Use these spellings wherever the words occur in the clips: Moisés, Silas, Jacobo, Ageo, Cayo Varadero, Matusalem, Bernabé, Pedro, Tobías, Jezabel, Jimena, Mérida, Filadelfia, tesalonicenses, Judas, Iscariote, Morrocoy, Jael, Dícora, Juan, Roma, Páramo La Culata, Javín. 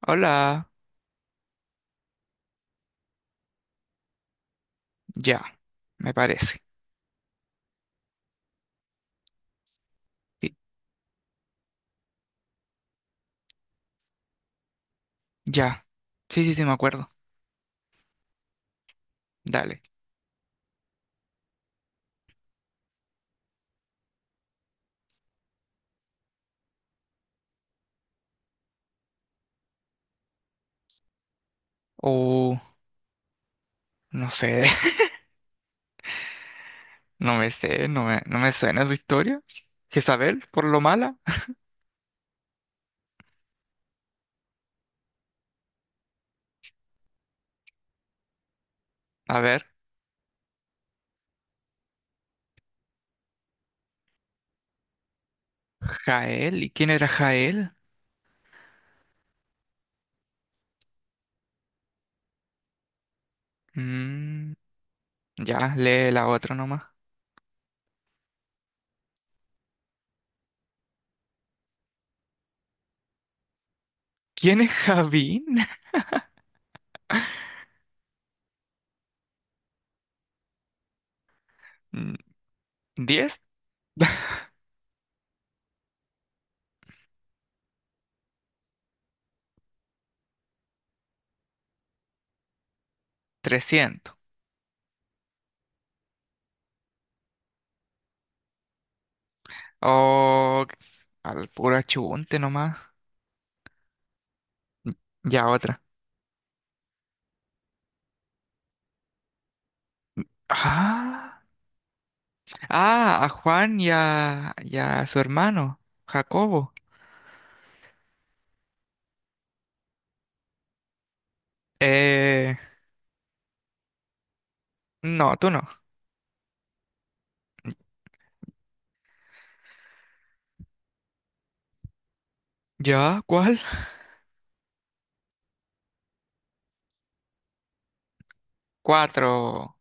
Hola, ya, me parece. Sí, ya. Sí, me acuerdo. Dale. O no sé, no me sé, no me suena su historia. Jezabel, por lo mala. A ver, Jael, ¿y quién era Jael? Mm, ya, lee la otra nomás. ¿Quién es Javín? Mm, ¿10? 300. O al puro achunte nomás. Ya, otra. Ah, ah, a Juan y a su hermano, Jacobo. Eh, no, tú no. ¿Ya? ¿Cuál? Cuatro.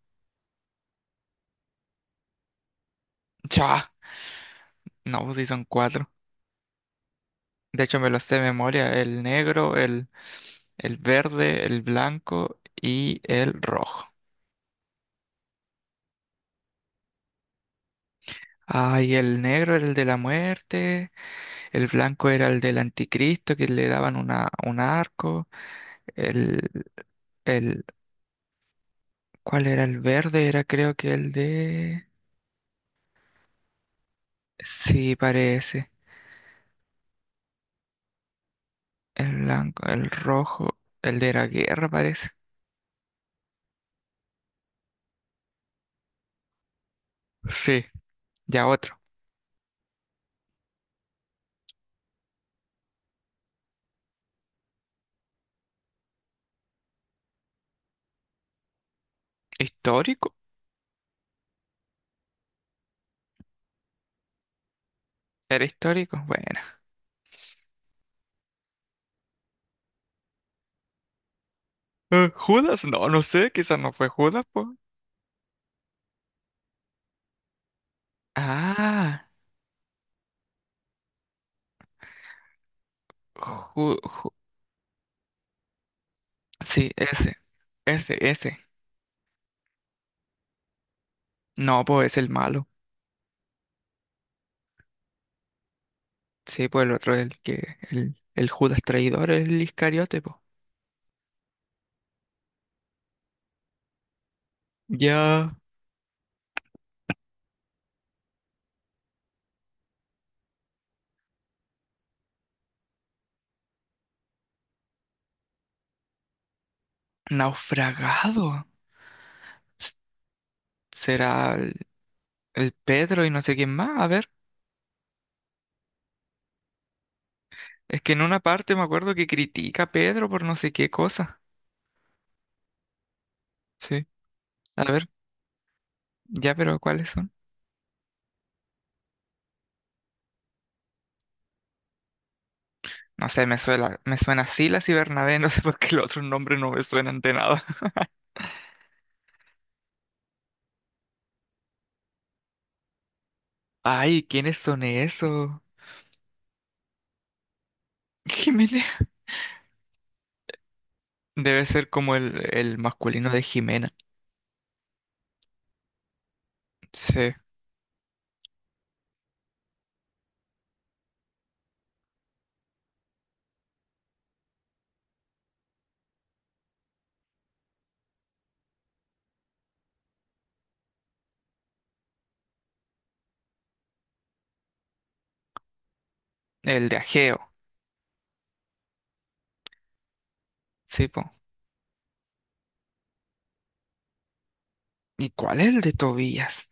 Ya. No, pues sí son cuatro. De hecho, me los sé de memoria. El negro, el verde, el blanco y el rojo. Ay, el negro era el de la muerte, el blanco era el del anticristo que le daban una, un arco, el, el, ¿cuál era? El verde era creo que el de... Sí, parece. El blanco, el rojo, el de la guerra parece. Sí, ya. ¿Histórico? ¿Era histórico? Bueno. ¿Judas? No, no sé, quizás no fue Judas, pues. Ah, Ju- Ju- sí, ese. No, pues es el malo. Sí, pues el otro es el Judas traidor, el Iscariote, pues. Ya. Naufragado. S- ¿Será el Pedro y no sé quién más? A ver, es que en una parte me acuerdo que critica a Pedro por no sé qué cosa. Sí. A ver, ya, pero ¿cuáles son? No sé, me suena Silas y Bernabé, no sé por qué los otros nombres no me suenan de nada. Ay, ¿quiénes son esos? Jimena. Debe ser como el masculino de Jimena. Sí, el de Ageo. Sí, po. ¿Y cuál es el de Tobías?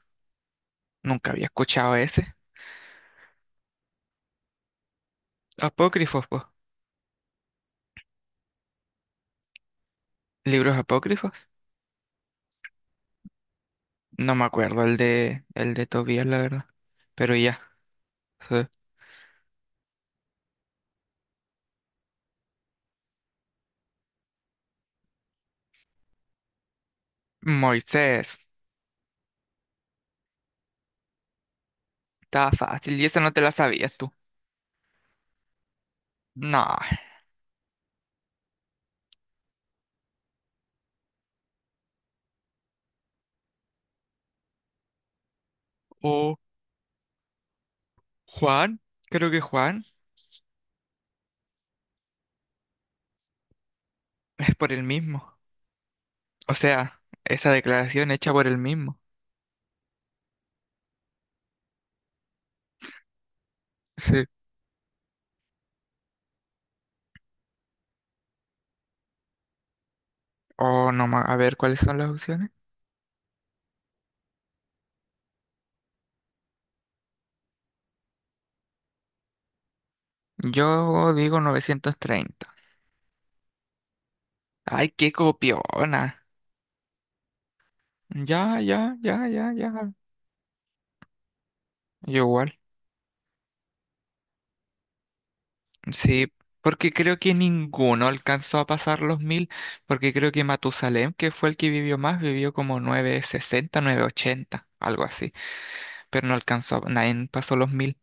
Nunca había escuchado ese. Apócrifos, po. ¿Libros apócrifos? No me acuerdo el de Tobías, la verdad. Pero ya, sí. Moisés. Estaba fácil y esa no te la sabías tú. No. O Juan. Creo que Juan. Es por el mismo. O sea, esa declaración hecha por el mismo. Sí. O no, a ver, ¿cuáles son las opciones? Yo digo 930. Ay, qué copiona. Ya. Yo igual. Sí, porque creo que ninguno alcanzó a pasar los 1000, porque creo que Matusalem, que fue el que vivió más, vivió como 960, ochenta, algo así. Pero no alcanzó, nadie pasó los 1000.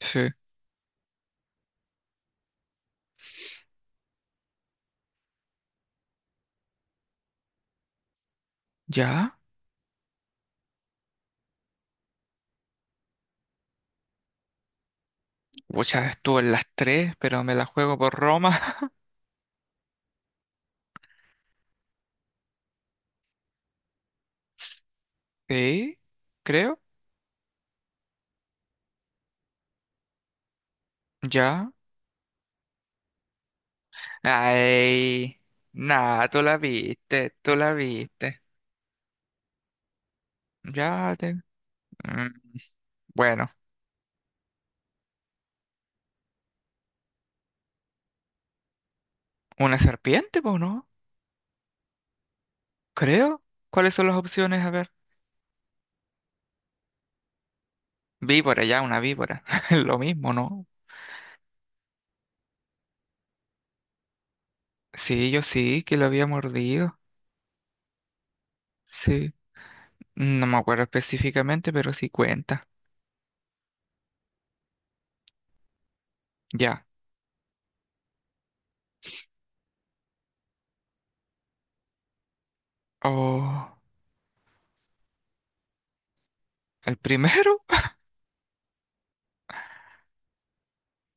Sí. ¿Ya? Muchas estuvo en las tres, pero me la juego por Roma. Sí, creo, ya. Ay, nada, tú la viste, tú la viste. Ya te... Mm, bueno, una serpiente, pues, ¿no? Creo. ¿Cuáles son las opciones? A ver. Víbora, ya, una víbora. Lo mismo, ¿no? Sí, yo sí, que lo había mordido. Sí. No me acuerdo específicamente, pero sí cuenta. Ya. Oh, ¿el primero?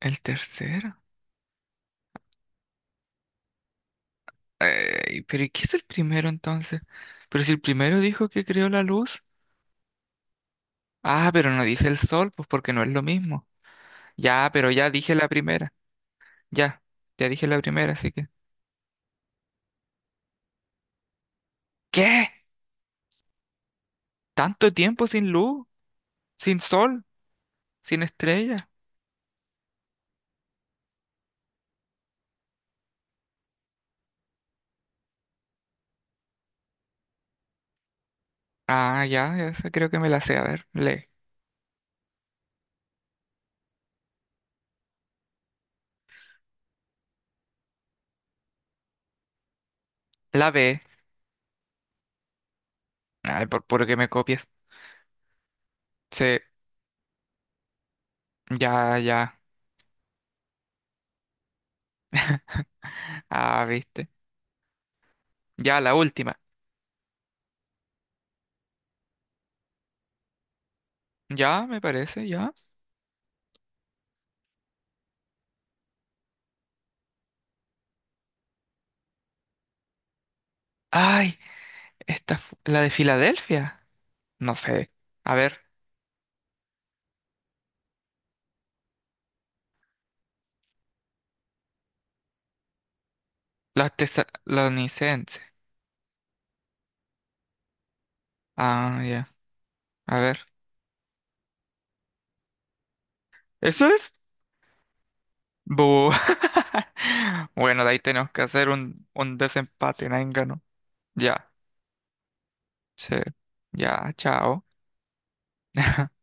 ¿El tercero? Ey, pero ¿y qué es el primero entonces? Pero si el primero dijo que creó la luz. Ah, pero no dice el sol, pues porque no es lo mismo. Ya, pero ya dije la primera. Ya, ya dije la primera, así que. ¿Qué? ¿Tanto tiempo sin luz? ¿Sin sol? ¿Sin estrella? Ah, ya, esa creo que me la sé. A ver, le. La B. Ay, por puro que me copies. Sí, ya. Ah, viste. Ya, la última. Ya, me parece, ya. Ay, esta, la de Filadelfia. No sé. A ver, los tesalonicenses. Ah, ya. A ver. ¿Eso es? Bu. Bueno, de ahí tenemos que hacer un desempate, nadie ganó. Ya, sí, ya, chao.